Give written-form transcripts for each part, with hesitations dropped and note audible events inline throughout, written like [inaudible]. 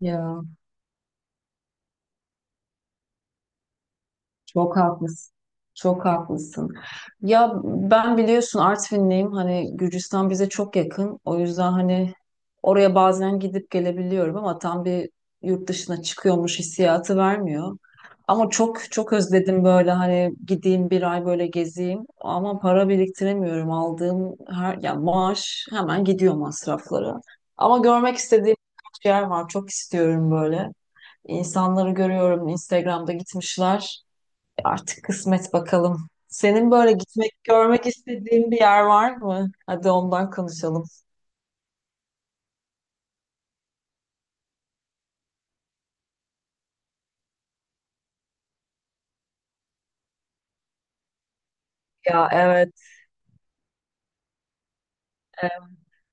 Ya çok haklısın. Çok haklısın. Ya ben biliyorsun Artvinliyim. Hani Gürcistan bize çok yakın. O yüzden hani oraya bazen gidip gelebiliyorum ama tam bir yurt dışına çıkıyormuş hissiyatı vermiyor. Ama çok çok özledim böyle hani gideyim bir ay böyle gezeyim ama para biriktiremiyorum. Aldığım her ya maaş hemen gidiyor masraflara. Ama görmek istediğim birkaç yer var. Çok istiyorum böyle. İnsanları görüyorum Instagram'da gitmişler. Artık kısmet bakalım. Senin böyle gitmek, görmek istediğin bir yer var mı? Hadi ondan konuşalım. Ya, evet,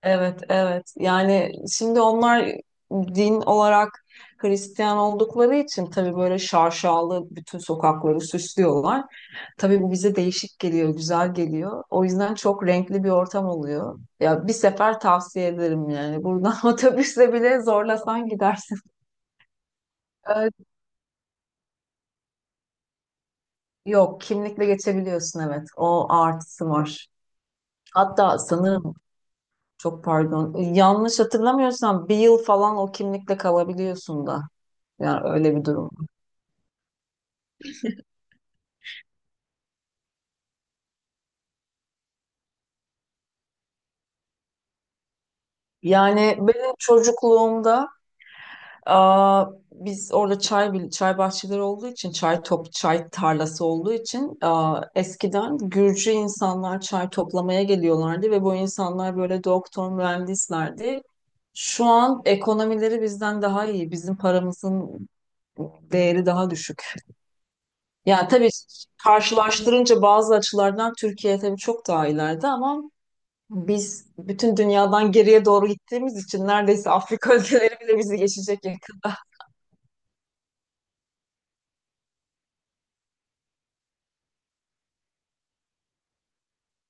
evet, evet. Yani şimdi onlar din olarak Hristiyan oldukları için tabii böyle şarşalı bütün sokakları süslüyorlar. Tabii bu bize değişik geliyor, güzel geliyor. O yüzden çok renkli bir ortam oluyor. Ya bir sefer tavsiye ederim yani. Buradan [laughs] otobüsle bile zorlasan gidersin. Ee, Yok, kimlikle geçebiliyorsun, evet. O artısı var. Hatta sanırım çok pardon yanlış hatırlamıyorsam bir yıl falan o kimlikle kalabiliyorsun da. Yani öyle bir durum. Yani benim çocukluğumda aa, biz orada çay bahçeleri olduğu için çay tarlası olduğu için eskiden Gürcü insanlar çay toplamaya geliyorlardı ve bu insanlar böyle doktor mühendislerdi. Şu an ekonomileri bizden daha iyi. Bizim paramızın değeri daha düşük. Ya tabii karşılaştırınca bazı açılardan Türkiye tabii çok daha ileride ama biz bütün dünyadan geriye doğru gittiğimiz için neredeyse Afrika [laughs] ülkeleri bile bizi geçecek yakında.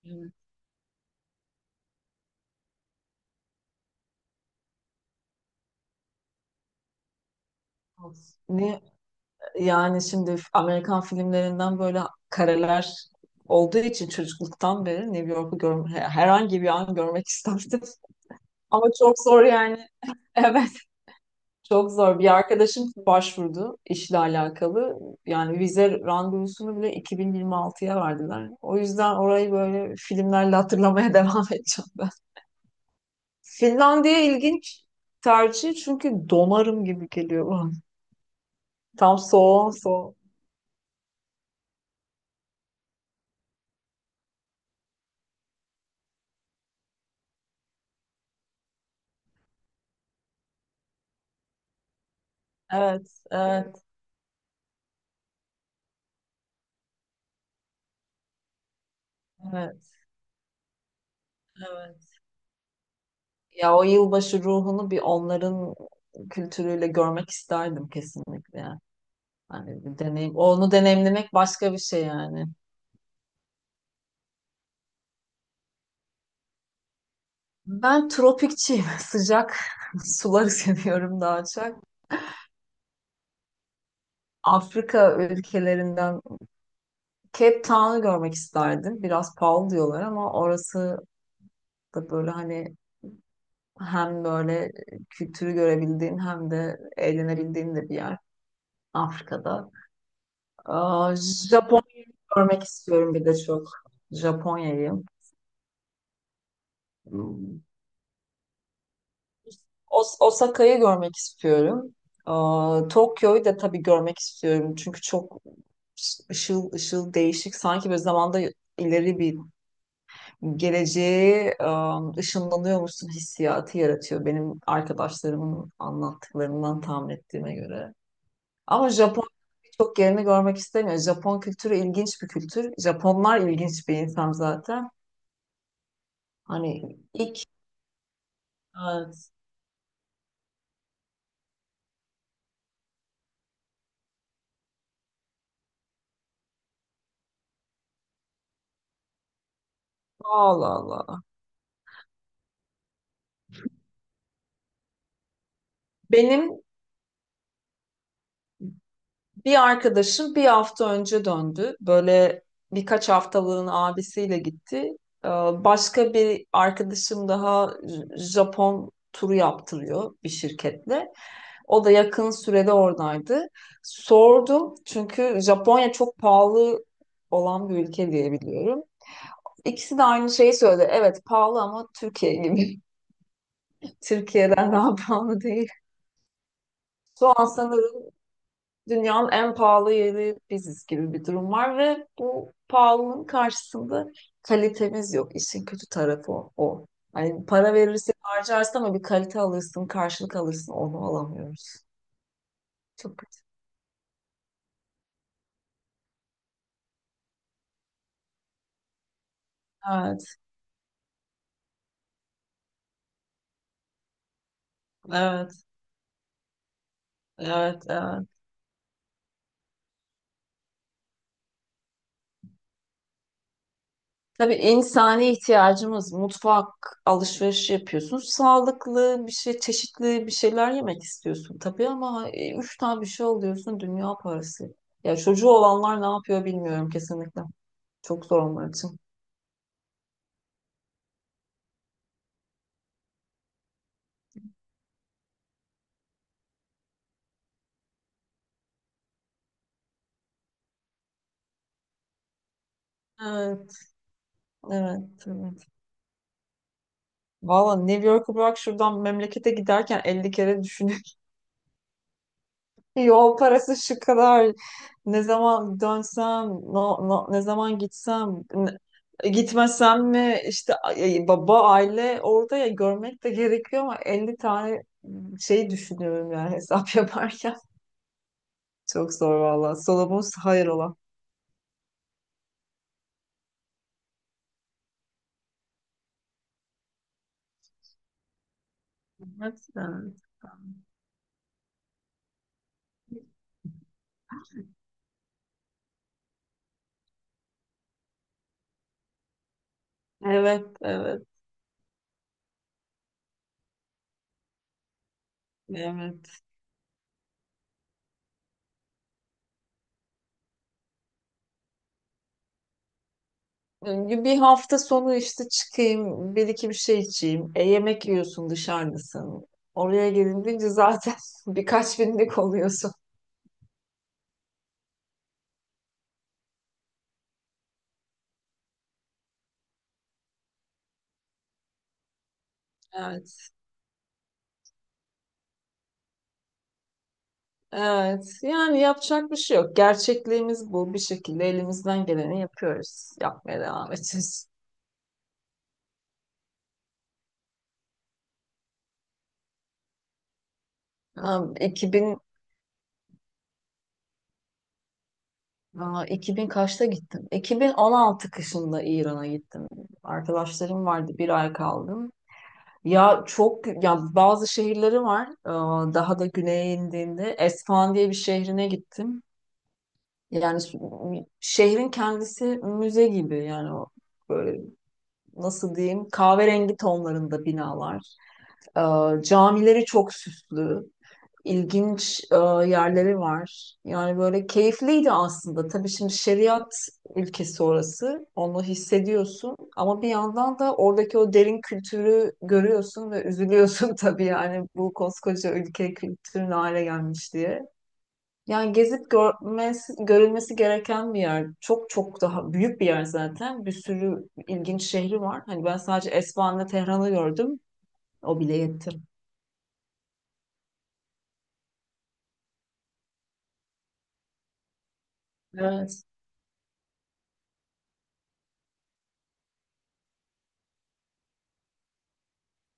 Evet. Ne Yani şimdi Amerikan filmlerinden böyle kareler olduğu için çocukluktan beri New York'u görme, herhangi bir an görmek isterdim. [laughs] Ama çok zor yani. [laughs] Evet. Çok zor. Bir arkadaşım başvurdu işle alakalı. Yani vize randevusunu bile 2026'ya verdiler. O yüzden orayı böyle filmlerle hatırlamaya [laughs] devam edeceğim ben. Finlandiya ilginç tercih çünkü donarım gibi geliyor bana. Tam soğuğun soğuk. Evet, evet, evet, evet. Ya o yılbaşı ruhunu bir onların kültürüyle görmek isterdim kesinlikle. Yani bir deneyim, onu deneyimlemek başka bir şey yani. Ben tropikçiyim. [laughs] Sıcak suları seviyorum daha çok. Afrika ülkelerinden Cape Town'u görmek isterdim. Biraz pahalı diyorlar ama orası da böyle hani hem böyle kültürü görebildiğin hem de eğlenebildiğin de bir yer Afrika'da. Aa, Japonya görmek istiyorum bir de çok. Japonya'yı. Osaka'yı görmek istiyorum. Aa, Tokyo'yu da tabii görmek istiyorum. Çünkü çok ışıl ışıl değişik. Sanki böyle zamanda ileri bir geleceğe ışınlanıyormuşsun hissiyatı yaratıyor. Benim arkadaşlarımın anlattıklarından tahmin ettiğime göre. Ama Japon birçok yerini görmek istemiyor. Japon kültürü ilginç bir kültür. Japonlar ilginç bir insan zaten. Hani ilk Evet, Allah Allah. Benim Bir arkadaşım bir hafta önce döndü. Böyle birkaç haftalığın abisiyle gitti. Başka bir arkadaşım daha Japon turu yaptırıyor bir şirketle. O da yakın sürede oradaydı. Sordum çünkü Japonya çok pahalı olan bir ülke diye biliyorum. İkisi de aynı şeyi söyledi. Evet, pahalı ama Türkiye gibi. [laughs] Türkiye'den daha pahalı değil. Şu an sanırım dünyanın en pahalı yeri biziz gibi bir durum var ve bu pahalılığın karşısında kalitemiz yok. İşin kötü tarafı o. Yani para verirsin harcarsın ama bir kalite alırsın, karşılık alırsın onu alamıyoruz. Çok kötü. Evet, evet, evet, evet. Tabii insani ihtiyacımız mutfak, alışveriş yapıyorsun. Sağlıklı bir şey, çeşitli bir şeyler yemek istiyorsun tabii ama üç tane bir şey alıyorsun dünya parası. Ya çocuğu olanlar ne yapıyor bilmiyorum kesinlikle. Çok zor onlar için. Evet, evet, evet. Valla New York'u bırak şuradan memlekete giderken 50 kere düşünüyorum. [laughs] Yol parası şu kadar. Ne zaman dönsem, no, no- Ne zaman gitsem, gitmesem mi? İşte baba, aile orada ya görmek de gerekiyor ama 50 tane şey düşünüyorum yani hesap [laughs] yaparken. Çok zor valla. Solomon hayır ola. Evet, evet, evet, evet. Bir hafta sonu işte çıkayım, bir iki bir şey içeyim. E, yemek yiyorsun dışarıdasın. Oraya gelince zaten [laughs] birkaç binlik oluyorsun. Evet. Evet, yani yapacak bir şey yok. Gerçekliğimiz bu. Bir şekilde elimizden geleni yapıyoruz. Yapmaya devam edeceğiz. Ha, 2000, aa, 2000 kaçta gittim? 2016 kışında İran'a gittim. Arkadaşlarım vardı, bir ay kaldım. Ya çok ya bazı şehirleri var. Daha da güneye indiğinde Esfahan diye bir şehrine gittim. Yani şehrin kendisi müze gibi yani o böyle nasıl diyeyim kahverengi tonlarında binalar. Camileri çok süslü ilginç yerleri var. Yani böyle keyifliydi aslında. Tabii şimdi şeriat ülkesi orası. Onu hissediyorsun ama bir yandan da oradaki o derin kültürü görüyorsun ve üzülüyorsun [laughs] tabii yani bu koskoca ülke kültürün hale gelmiş diye. Yani gezip görmesi, görülmesi gereken bir yer. Çok çok daha büyük bir yer zaten. Bir sürü ilginç şehri var. Hani ben sadece Esfahan'la Tehran'ı gördüm. O bile yetti. Evet.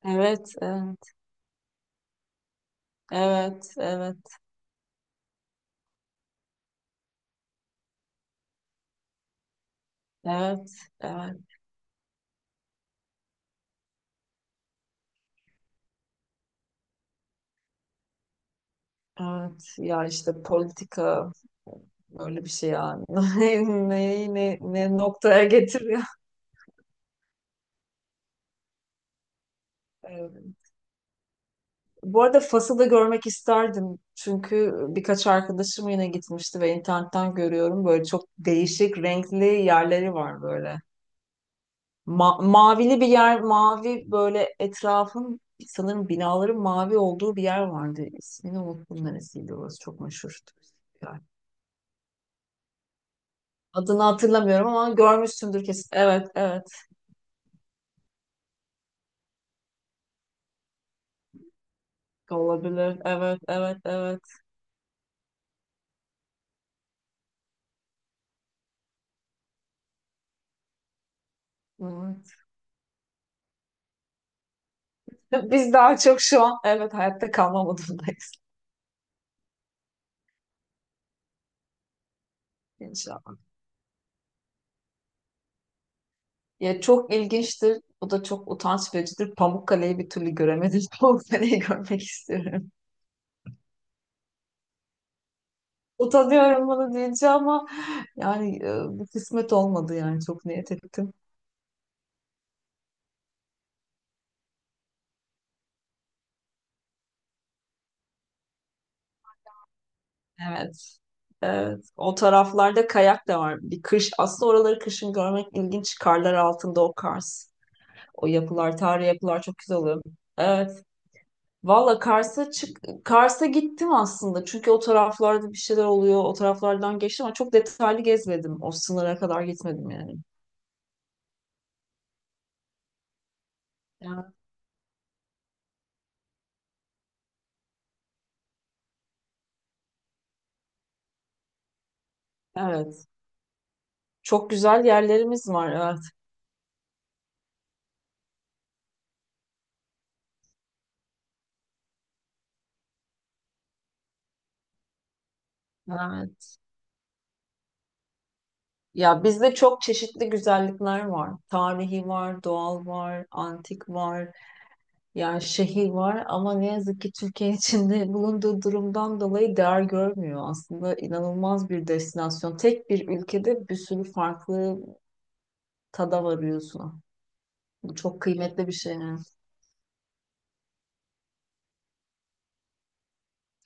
Evet, evet. Evet, evet. Evet, evet, evet. Ya işte politika böyle bir şey yani. [laughs] Neyi ne noktaya getiriyor. Ee, Bu arada Fas'ı da görmek isterdim. Çünkü birkaç arkadaşım yine gitmişti ve internetten görüyorum. Böyle çok değişik renkli yerleri var böyle. Mavili bir yer, mavi böyle etrafın sanırım binaların mavi olduğu bir yer vardı. İsmini unuttum neresiydi orası çok meşhur. Adını hatırlamıyorum ama görmüşsündür kesin. Evet, evet. Olabilir. Evet, evet, evet. Evet. [laughs] Biz daha çok şu an, evet, hayatta kalma modundayız. [laughs] inşallah. Ya çok ilginçtir. Bu da çok utanç vericidir. Pamukkale'yi bir türlü göremedim. [laughs] Pamukkale'yi görmek istiyorum. Utanıyorum bunu deyince ama yani bir kısmet olmadı yani çok niyet ettim. Evet. Evet. O taraflarda kayak da var. Bir kış. Aslında oraları kışın görmek ilginç. Karlar altında o kars. O yapılar, tarihi yapılar çok güzel oluyor. Evet. Valla Kars'a gittim aslında. Çünkü o taraflarda bir şeyler oluyor. O taraflardan geçtim ama çok detaylı gezmedim. O sınıra kadar gitmedim yani. Ya, evet. Çok güzel yerlerimiz var. Evet. Evet. Ya bizde çok çeşitli güzellikler var. Tarihi var, doğal var, antik var. Ya şehir var ama ne yazık ki Türkiye [laughs] içinde bulunduğu durumdan dolayı değer görmüyor. Aslında inanılmaz bir destinasyon. Tek bir ülkede bir sürü farklı tada varıyorsun. Bu çok kıymetli bir şey.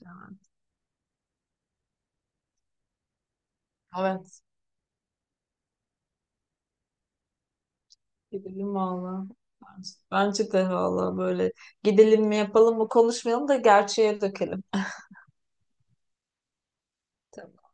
Yani. Evet, gidelim valla. Bence de valla böyle gidelim mi yapalım mı konuşmayalım da gerçeğe dökelim. [laughs]